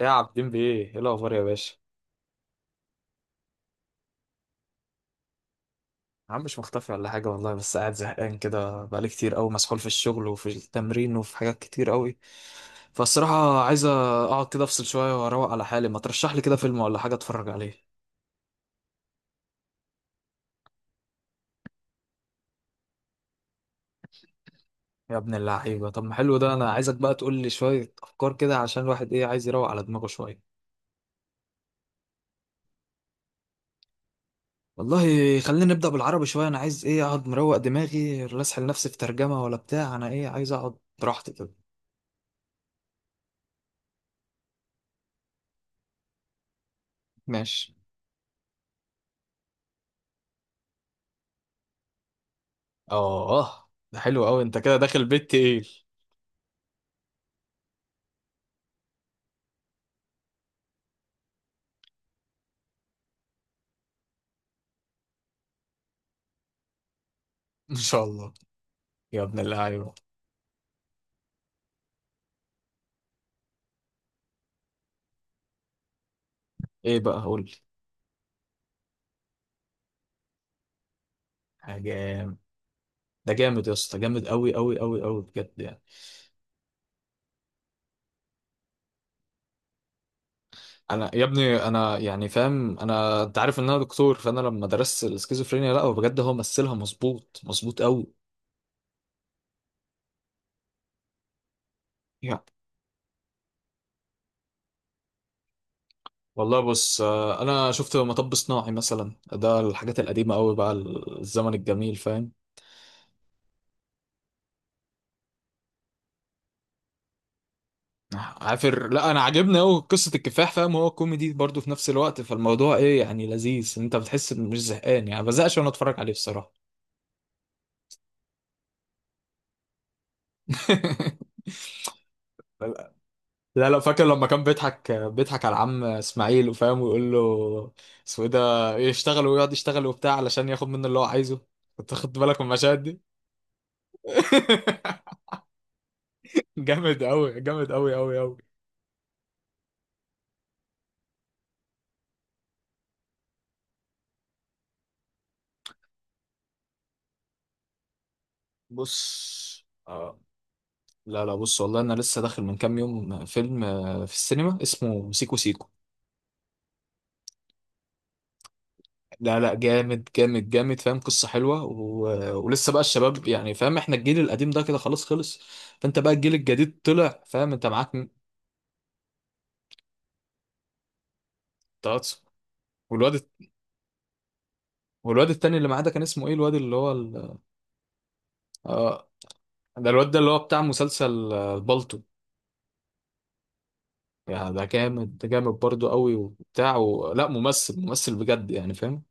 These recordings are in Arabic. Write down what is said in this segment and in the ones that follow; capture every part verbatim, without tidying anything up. يا عابدين بيه ايه الاخبار يا باشا؟ يا عم، مش مختفي ولا حاجه والله، بس قاعد زهقان كده بقالي كتير قوي، مسحول في الشغل وفي التمرين وفي حاجات كتير قوي. فالصراحه عايز اقعد كده افصل شويه واروق على حالي. ما ترشح لي كده فيلم ولا حاجه اتفرج عليه؟ يا ابن اللعيبه، طب ما حلو ده، انا عايزك بقى تقول لي شويه افكار كده عشان الواحد ايه، عايز يروق على دماغه شويه. والله، خلينا نبدا بالعربي شويه. انا عايز ايه، اقعد مروق دماغي، لا اسحل نفسي في ترجمه ولا بتاع، انا ايه عايز اقعد براحتي كده. ماشي. اه ده حلو قوي، انت كده داخل بيت تقيل. ان شاء الله. يا ابن اللعيبه، ايه بقى قول لي حاجه. ده جامد يا اسطى، جامد قوي قوي قوي قوي بجد يعني. انا يا ابني انا يعني فاهم، انا انت عارف ان انا دكتور، فانا لما درست السكيزوفرينيا، لا بجد هو مثلها مظبوط، مظبوط قوي. يعني والله بص، آه، انا شفت مطب صناعي مثلا، ده الحاجات القديمه قوي بقى، الزمن الجميل فاهم. عافر، لا انا عاجبني قوي قصه الكفاح فاهم، هو كوميدي برضه في نفس الوقت، فالموضوع ايه يعني، لذيذ، انت بتحس إن مش زهقان يعني، ما بزهقش وانا اتفرج عليه بصراحه. لا لو فاكر لما كان بيضحك، بيضحك على العم اسماعيل وفاهم، ويقول له اسمه ايه ده، يشتغل ويقعد يشتغل وبتاع علشان ياخد منه اللي هو عايزه. انت خدت بالك من المشاهد دي؟ جامد قوي، جامد قوي قوي قوي. بص آه. لا لا بص والله، انا لسه داخل من كام يوم فيلم آه، في السينما اسمه سيكو سيكو. لا لا، جامد جامد جامد فاهم، قصة حلوة و... ولسه بقى الشباب يعني فاهم، احنا الجيل القديم ده كده خلاص خلص، فانت بقى الجيل الجديد طلع فاهم، انت معاك م- تلاتة. والواد والواد التاني اللي معاه ده كان اسمه ايه، الواد اللي هو ال... آه... ده، الواد ده اللي هو بتاع مسلسل آه، بالطو. يعني ده جامد، ده جامد برضه قوي وبتاع و... لا، ممثل ممثل بجد يعني فاهم.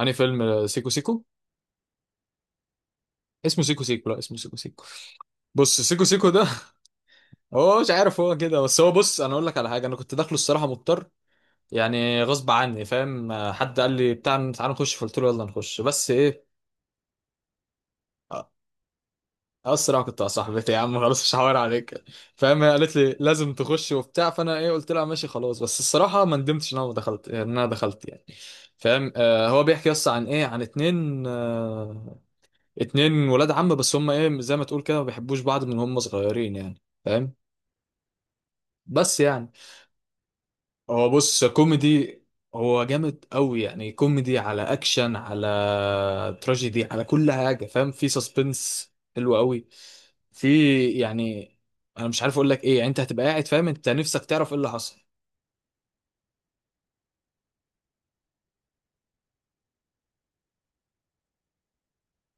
انهي فيلم؟ آه، سيكو سيكو. اسمه سيكو سيكو، لا اسمه سيكو سيكو. بص سيكو سيكو ده، هو مش عارف، هو كده، بس هو بص انا اقول لك على حاجه، انا كنت داخله الصراحه مضطر. يعني غصب عني فاهم، حد قال لي بتاع تعالى نخش، فقلت له يلا نخش، بس ايه، اسرع كنت يا صاحبتي يا عم خلاص مش هحاور عليك. فاهم، هي قالت لي لازم تخش وبتاع، فانا ايه قلت لها ماشي خلاص. بس الصراحه ما ندمتش ان انا ما دخلت، ان انا دخلت يعني. فاهم آه، هو بيحكي يس عن ايه، عن اتنين آه اتنين ولاد عم، بس هم ايه زي ما تقول كده، ما بيحبوش بعض من هم صغيرين يعني فاهم، بس يعني. هو بص، كوميدي. هو جامد قوي يعني، كوميدي على اكشن على تراجيدي على كل حاجه فاهم، في سسبنس حلو قوي في، يعني انا مش عارف اقول لك ايه يعني، انت هتبقى قاعد فاهم، انت نفسك تعرف ايه اللي حصل.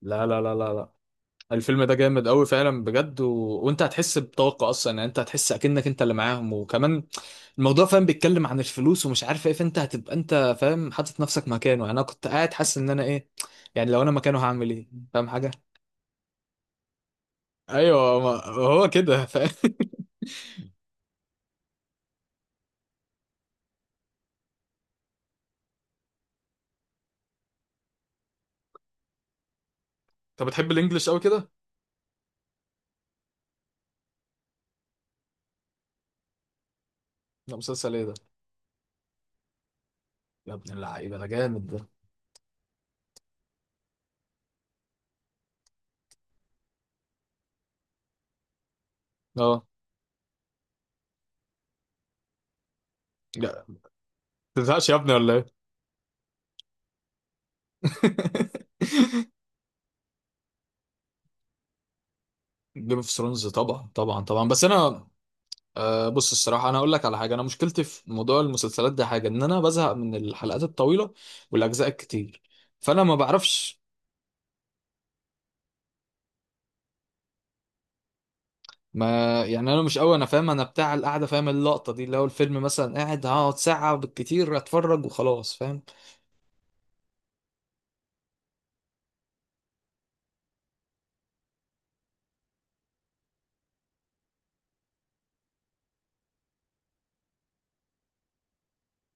لا لا لا لا لا، الفيلم ده جامد قوي فعلا بجد و... وانت هتحس بطاقه اصلا يعني، انت هتحس اكنك انت اللي معاهم، وكمان الموضوع فاهم، بيتكلم عن الفلوس ومش عارف ايه، فانت هتبقى انت فاهم حاطط نفسك مكانه يعني، انا كنت قاعد حاسس ان انا ايه، يعني لو انا مكانه هعمل ايه فاهم حاجه. ايوه ما هو كده ف... انت بتحب الانجليش قوي كده؟ لا، مسلسل ايه ده؟ يا ابن اللعيبه، ده جامد ده. اه. لا تزهقش يا ابني ولا ايه؟ جيم اوف ثرونز، طبعا طبعا طبعا، بس انا آه بص، الصراحه انا اقول لك على حاجه، انا مشكلتي في موضوع المسلسلات ده حاجه، ان انا بزهق من الحلقات الطويله والاجزاء الكتير، فانا ما بعرفش ما. يعني انا مش قوي انا فاهم، انا بتاع القعده فاهم، اللقطه دي اللي هو الفيلم مثلا، قاعد هقعد ساعه بالكتير اتفرج وخلاص فاهم.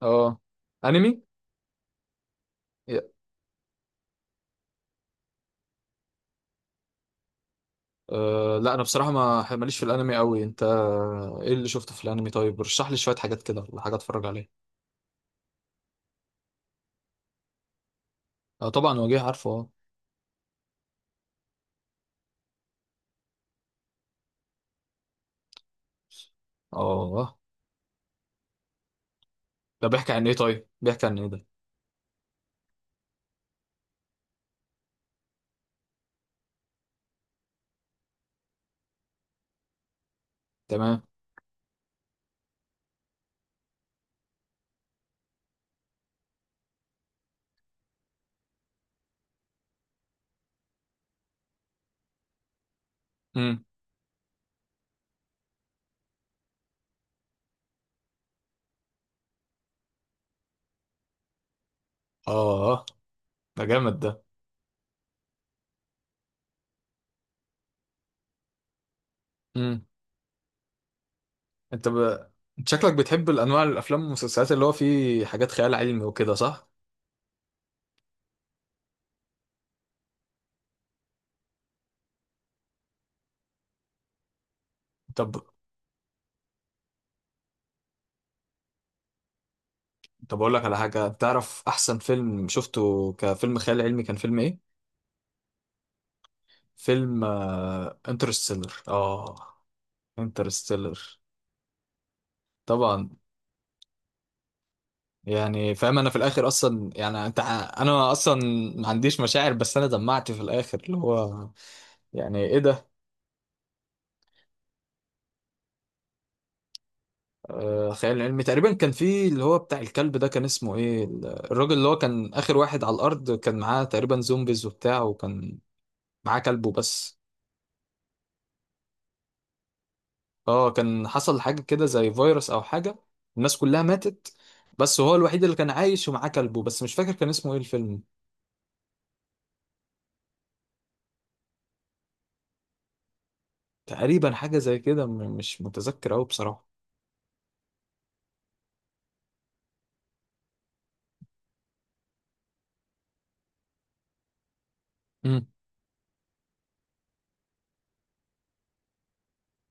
اه، انمي. أه لا، انا بصراحه ما ماليش في الانمي قوي. انت ايه اللي شفته في الانمي طيب، رشح لي شويه حاجات كده ولا حاجه اتفرج عليها. اه طبعا، وجيه عارفه اه. اه ده بيحكي عن ايه؟ طيب بيحكي عن ايه ده؟ تمام. امم اه، ده جامد ده. امم انت ب... انت شكلك بتحب الانواع الافلام والمسلسلات اللي هو فيه حاجات خيال علمي وكده، صح؟ طب، طب اقول لك على حاجه، تعرف احسن فيلم شفته كفيلم خيال علمي كان فيلم ايه؟ فيلم انترستيلر. اه انترستيلر، طبعا. يعني فاهم انا في الاخر اصلا يعني، انت ع- انا اصلا ما عنديش مشاعر، بس انا دمعت في الاخر اللي هو، يعني ايه ده. آه خيال علمي، تقريبا كان في اللي هو بتاع الكلب ده، كان اسمه ايه ال- الراجل اللي هو كان اخر واحد على الارض، كان معاه تقريبا زومبيز وبتاع، وكان معاه كلبه بس. اه كان حصل حاجة كده زي فيروس او حاجة، الناس كلها ماتت، بس هو الوحيد اللي كان عايش ومعاه كلبه بس، مش فاكر كان اسمه ايه الفيلم. تقريبا حاجة زي كده، م- مش متذكر اوي بصراحة. مم.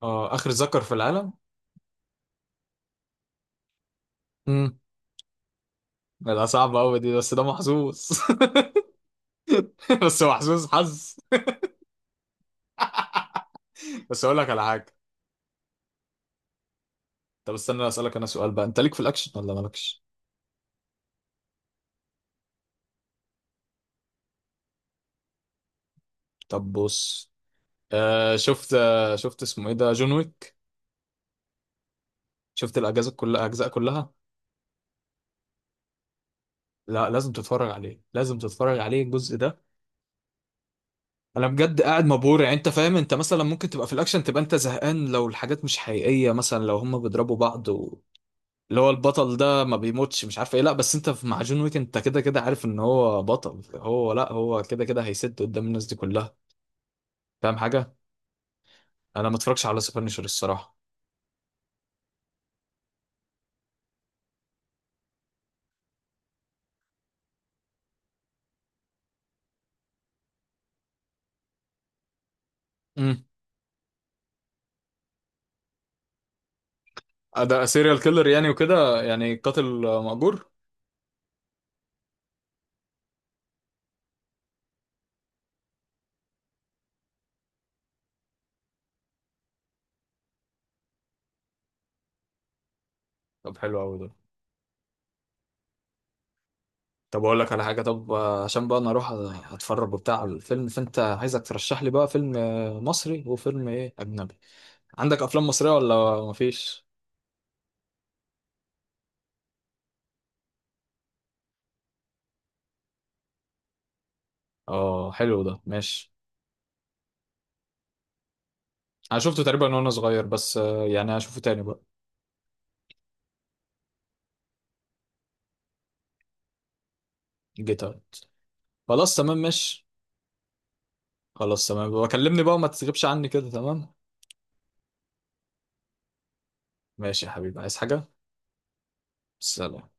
اه، اخر ذكر في العالم. امم لا صعبة أوي دي، بس ده محظوظ. بس محظوظ حظ. بس أقول لك على حاجة، طب استنى أسألك أنا سؤال بقى، أنت ليك في الأكشن ولا مالكش؟ طب بص، آه شفت، آه شفت اسمه إيه ده، جون ويك. شفت الأجزاء كلها، أجزاء كلها؟ لا لازم تتفرج عليه، لازم تتفرج عليه الجزء ده. أنا بجد قاعد مبهور يعني، أنت فاهم أنت مثلا ممكن تبقى في الأكشن تبقى أنت زهقان لو الحاجات مش حقيقية، مثلا لو هما بيضربوا بعض اللي هو البطل ده ما بيموتش مش عارف ايه، لا بس انت في مع جون ويك انت كده كده عارف ان هو بطل، هو لا هو كده كده هيسد قدام الناس دي كلها فاهم حاجه. انا ما اتفرجش على سبانشر الصراحه. امم ده سيريال كيلر يعني وكده، يعني قاتل مأجور. طب حلو قوي ده. طب اقول لك على حاجه، طب آه، عشان بقى انا اروح اتفرج وبتاع على الفيلم، فانت عايزك ترشح لي بقى فيلم آه، مصري وفيلم ايه اجنبي. عندك افلام مصريه ولا مفيش؟ اه حلو ده، ماشي. انا شفته تقريبا وانا صغير، بس آه، يعني هشوفه تاني بقى. جيتارد، خلاص تمام ماشي. خلاص تمام، وكلمني بقى وما تسيبش عني كده، تمام. ماشي يا حبيبي، عايز حاجة؟ سلام.